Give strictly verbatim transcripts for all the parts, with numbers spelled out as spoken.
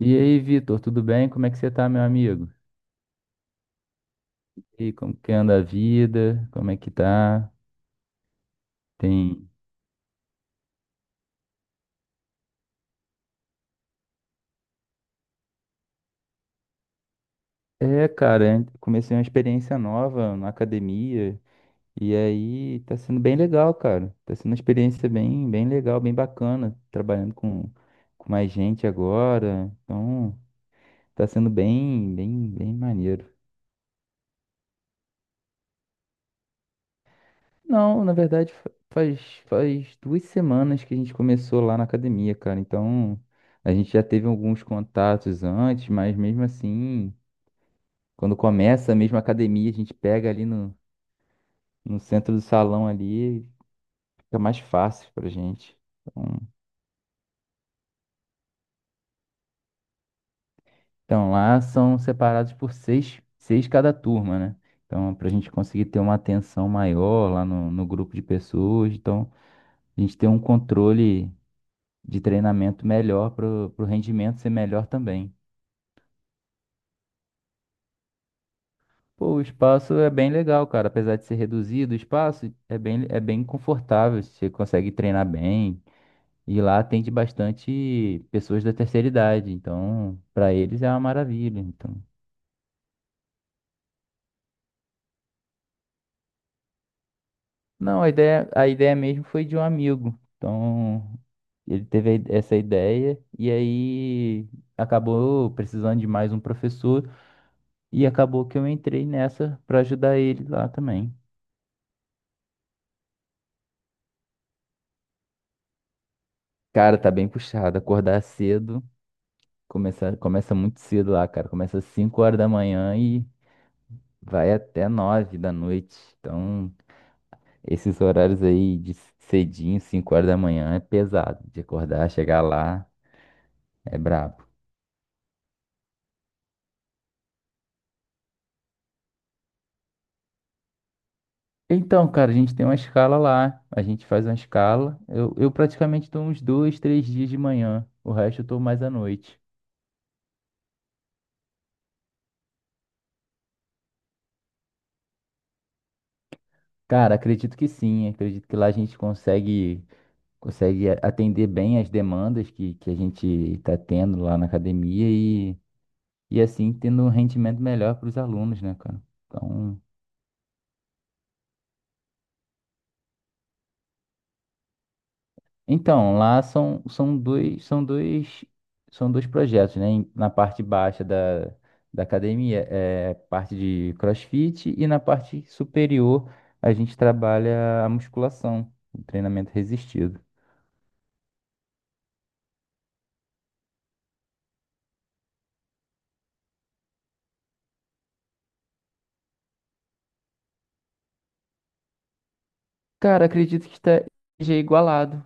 E aí, Vitor, tudo bem? Como é que você tá, meu amigo? E como que anda a vida? Como é que tá? Tem. É, cara, eu comecei uma experiência nova na academia e aí tá sendo bem legal, cara. Tá sendo uma experiência bem, bem legal, bem bacana, trabalhando com, com mais gente agora. Então, tá sendo bem, bem, bem maneiro. Não, na verdade fa- faz, faz duas semanas que a gente começou lá na academia, cara. Então a gente já teve alguns contatos antes, mas mesmo assim, quando começa a mesma academia, a gente pega ali no, no centro do salão ali, fica mais fácil pra gente. Então, então lá são separados por seis, seis cada turma, né? Então pra gente conseguir ter uma atenção maior lá no, no grupo de pessoas, então a gente tem um controle de treinamento melhor para o rendimento ser melhor também. Pô, o espaço é bem legal, cara. Apesar de ser reduzido, o espaço é bem, é bem confortável. Você consegue treinar bem. E lá atende bastante pessoas da terceira idade. Então, para eles é uma maravilha. Então, não, a ideia, a ideia mesmo foi de um amigo. Então, ele teve a ide- essa ideia e aí acabou precisando de mais um professor e acabou que eu entrei nessa para ajudar ele lá também. Cara, tá bem puxado. Acordar cedo, começa, começa muito cedo lá, cara. Começa às cinco horas da manhã e vai até nove da noite. Então, esses horários aí de cedinho, cinco horas da manhã, é pesado. De acordar, chegar lá, é brabo. Então, cara, a gente tem uma escala lá. A gente faz uma escala. Eu, eu praticamente tô uns dois, três dias de manhã. O resto eu tô mais à noite. Cara, acredito que sim. Acredito que lá a gente consegue. consegue a- atender bem as demandas que, que a gente está tendo lá na academia e, e assim tendo um rendimento melhor para os alunos, né, cara? Então, então lá são, são dois, são dois, são dois projetos, né? Em- Na parte baixa da, da academia é parte de CrossFit e na parte superior a gente trabalha a musculação, o treinamento resistido. Cara, acredito que está- esteja igualado.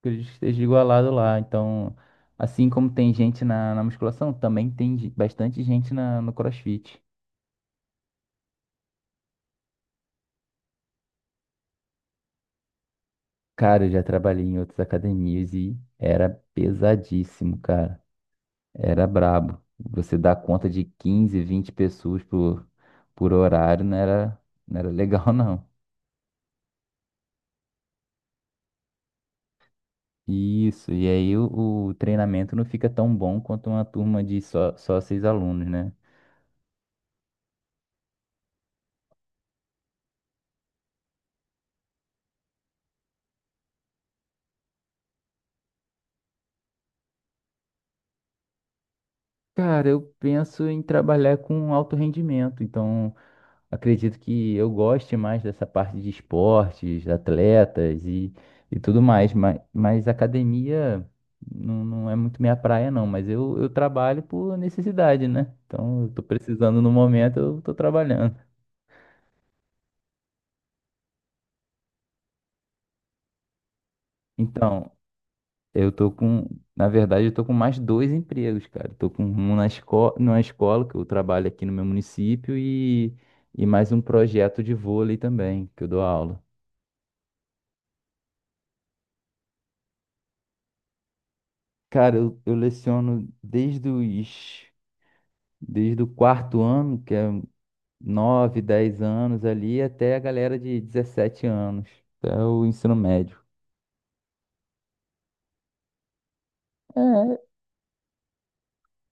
Acredito que ele esteja igualado lá. Então, assim como tem gente na, na musculação, também tem ge- bastante gente na, no CrossFit. Cara, eu já trabalhei em outras academias e era pesadíssimo, cara. Era brabo. Você dar conta de quinze, vinte pessoas por, por horário não era, não era legal, não. Isso, e aí o, o treinamento não fica tão bom quanto uma turma de só, só seis alunos, né? Cara, eu penso em trabalhar com alto rendimento, então. Acredito que eu goste mais dessa parte de esportes, atletas e, e tudo mais, mas, mas academia não, não é muito minha praia, não. Mas eu, eu trabalho por necessidade, né? Então, eu tô precisando no momento, eu tô trabalhando. Então, eu tô com, na verdade, eu tô com mais dois empregos, cara. Eu tô com um na escola, numa escola que eu trabalho aqui no meu município e, e mais um projeto de vôlei também, que eu dou aula. Cara, eu, eu leciono desde os Desde o quarto ano, que é nove, dez anos ali, até a galera de dezessete anos, até o ensino médio. É,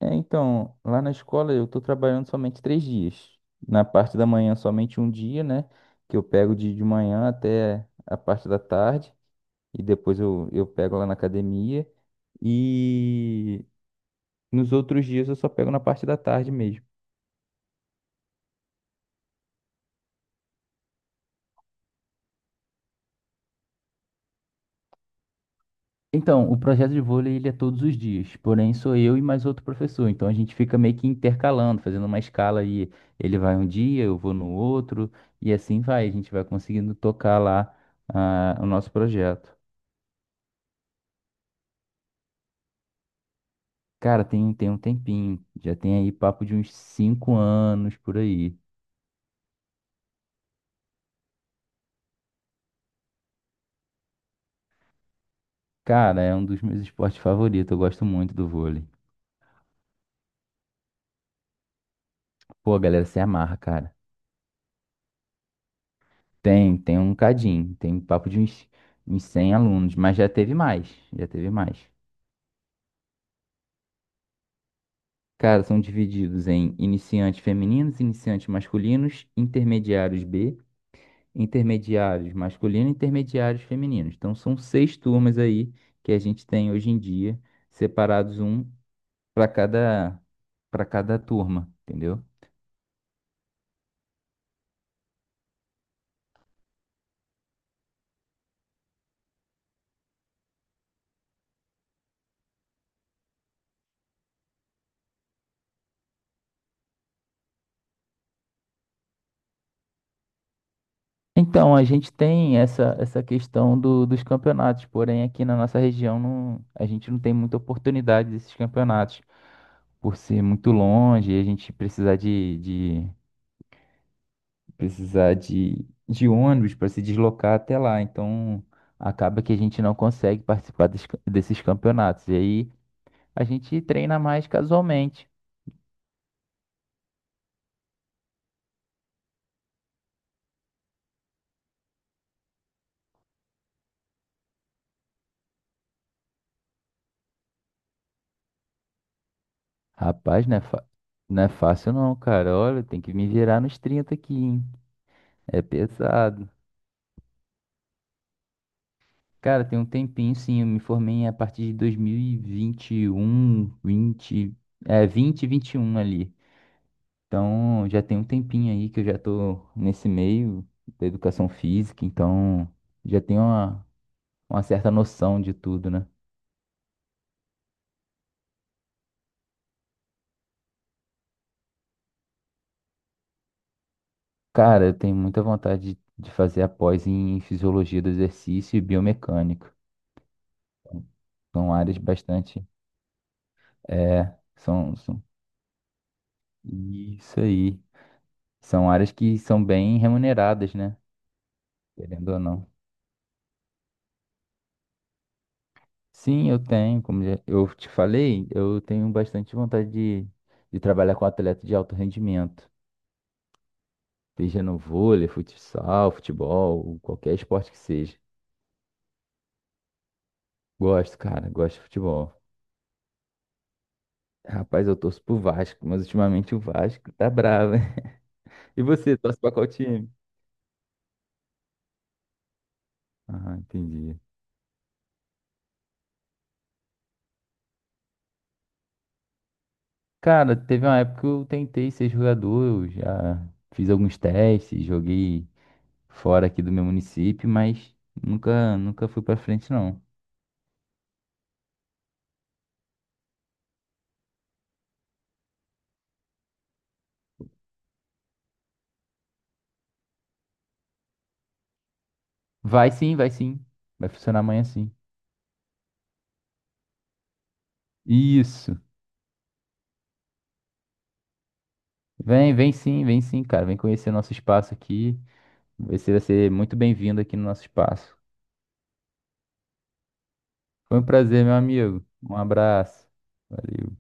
é, então, lá na escola eu tô trabalhando somente três dias. Na parte da manhã, somente um dia, né? Que eu pego de, de manhã até a parte da tarde, e depois eu, eu pego lá na academia. E nos outros dias eu só pego na parte da tarde mesmo. Então, o projeto de vôlei ele é todos os dias, porém sou eu e mais outro professor. Então a gente fica meio que intercalando, fazendo uma escala aí. Ele vai um dia, eu vou no outro, e assim vai. A gente vai conseguindo tocar lá ah, o nosso projeto. Cara, tem, tem um tempinho, já tem aí papo de uns cinco anos por aí. Cara, é um dos meus esportes favoritos, eu gosto muito do vôlei. Pô, a galera se amarra, cara. Tem, tem um cadinho, tem papo de uns, uns cem alunos, mas já teve mais, já teve mais. Cara, são divididos em iniciantes femininos, iniciantes masculinos, intermediários B, intermediários masculinos, intermediários femininos. Então são seis turmas aí que a gente tem hoje em dia, separados um para cada para cada turma, entendeu? Então a gente tem essa essa questão do- dos campeonatos, porém aqui na nossa região não, a gente não tem muita oportunidade desses campeonatos por ser muito longe e a gente precisar de precisar de, de ônibus para se deslocar até lá. Então, acaba que a gente não consegue participar des- desses campeonatos. E aí, a gente treina mais casualmente. Rapaz, não é, fa- não é fácil não, cara. Olha, tem que me virar nos trinta aqui, hein? É pesado. Cara, tem um tempinho sim, eu me formei a partir de dois mil e vinte e um, vinte, é, vinte, vinte e um ali. Então, já tem um tempinho aí que eu já tô nesse meio da educação física, então já tenho uma, uma certa noção de tudo, né? Cara, eu tenho muita vontade de de fazer a pós em fisiologia do exercício e biomecânica. Então, são áreas bastante. É, são, são. Isso aí. São áreas que são bem remuneradas, né? Querendo ou não. Sim, eu tenho, como já- eu te falei, eu tenho bastante vontade de, de trabalhar com atleta de alto rendimento. Seja no vôlei, futsal, futebol, qualquer esporte que seja. Gosto, cara, gosto de futebol. Rapaz, eu torço pro Vasco, mas ultimamente o Vasco tá bravo, hein? E você, torce pra qual time? Ah, entendi. Cara, teve uma época que eu tentei ser jogador, eu já fiz alguns testes, joguei fora aqui do meu município, mas nunca, nunca fui pra frente, não. Vai sim, vai sim. Vai funcionar amanhã sim. Isso. Vem, vem sim, vem sim, cara. Vem conhecer nosso espaço aqui. Você vai ser muito bem-vindo aqui no nosso espaço. Foi um prazer, meu amigo. Um abraço. Valeu.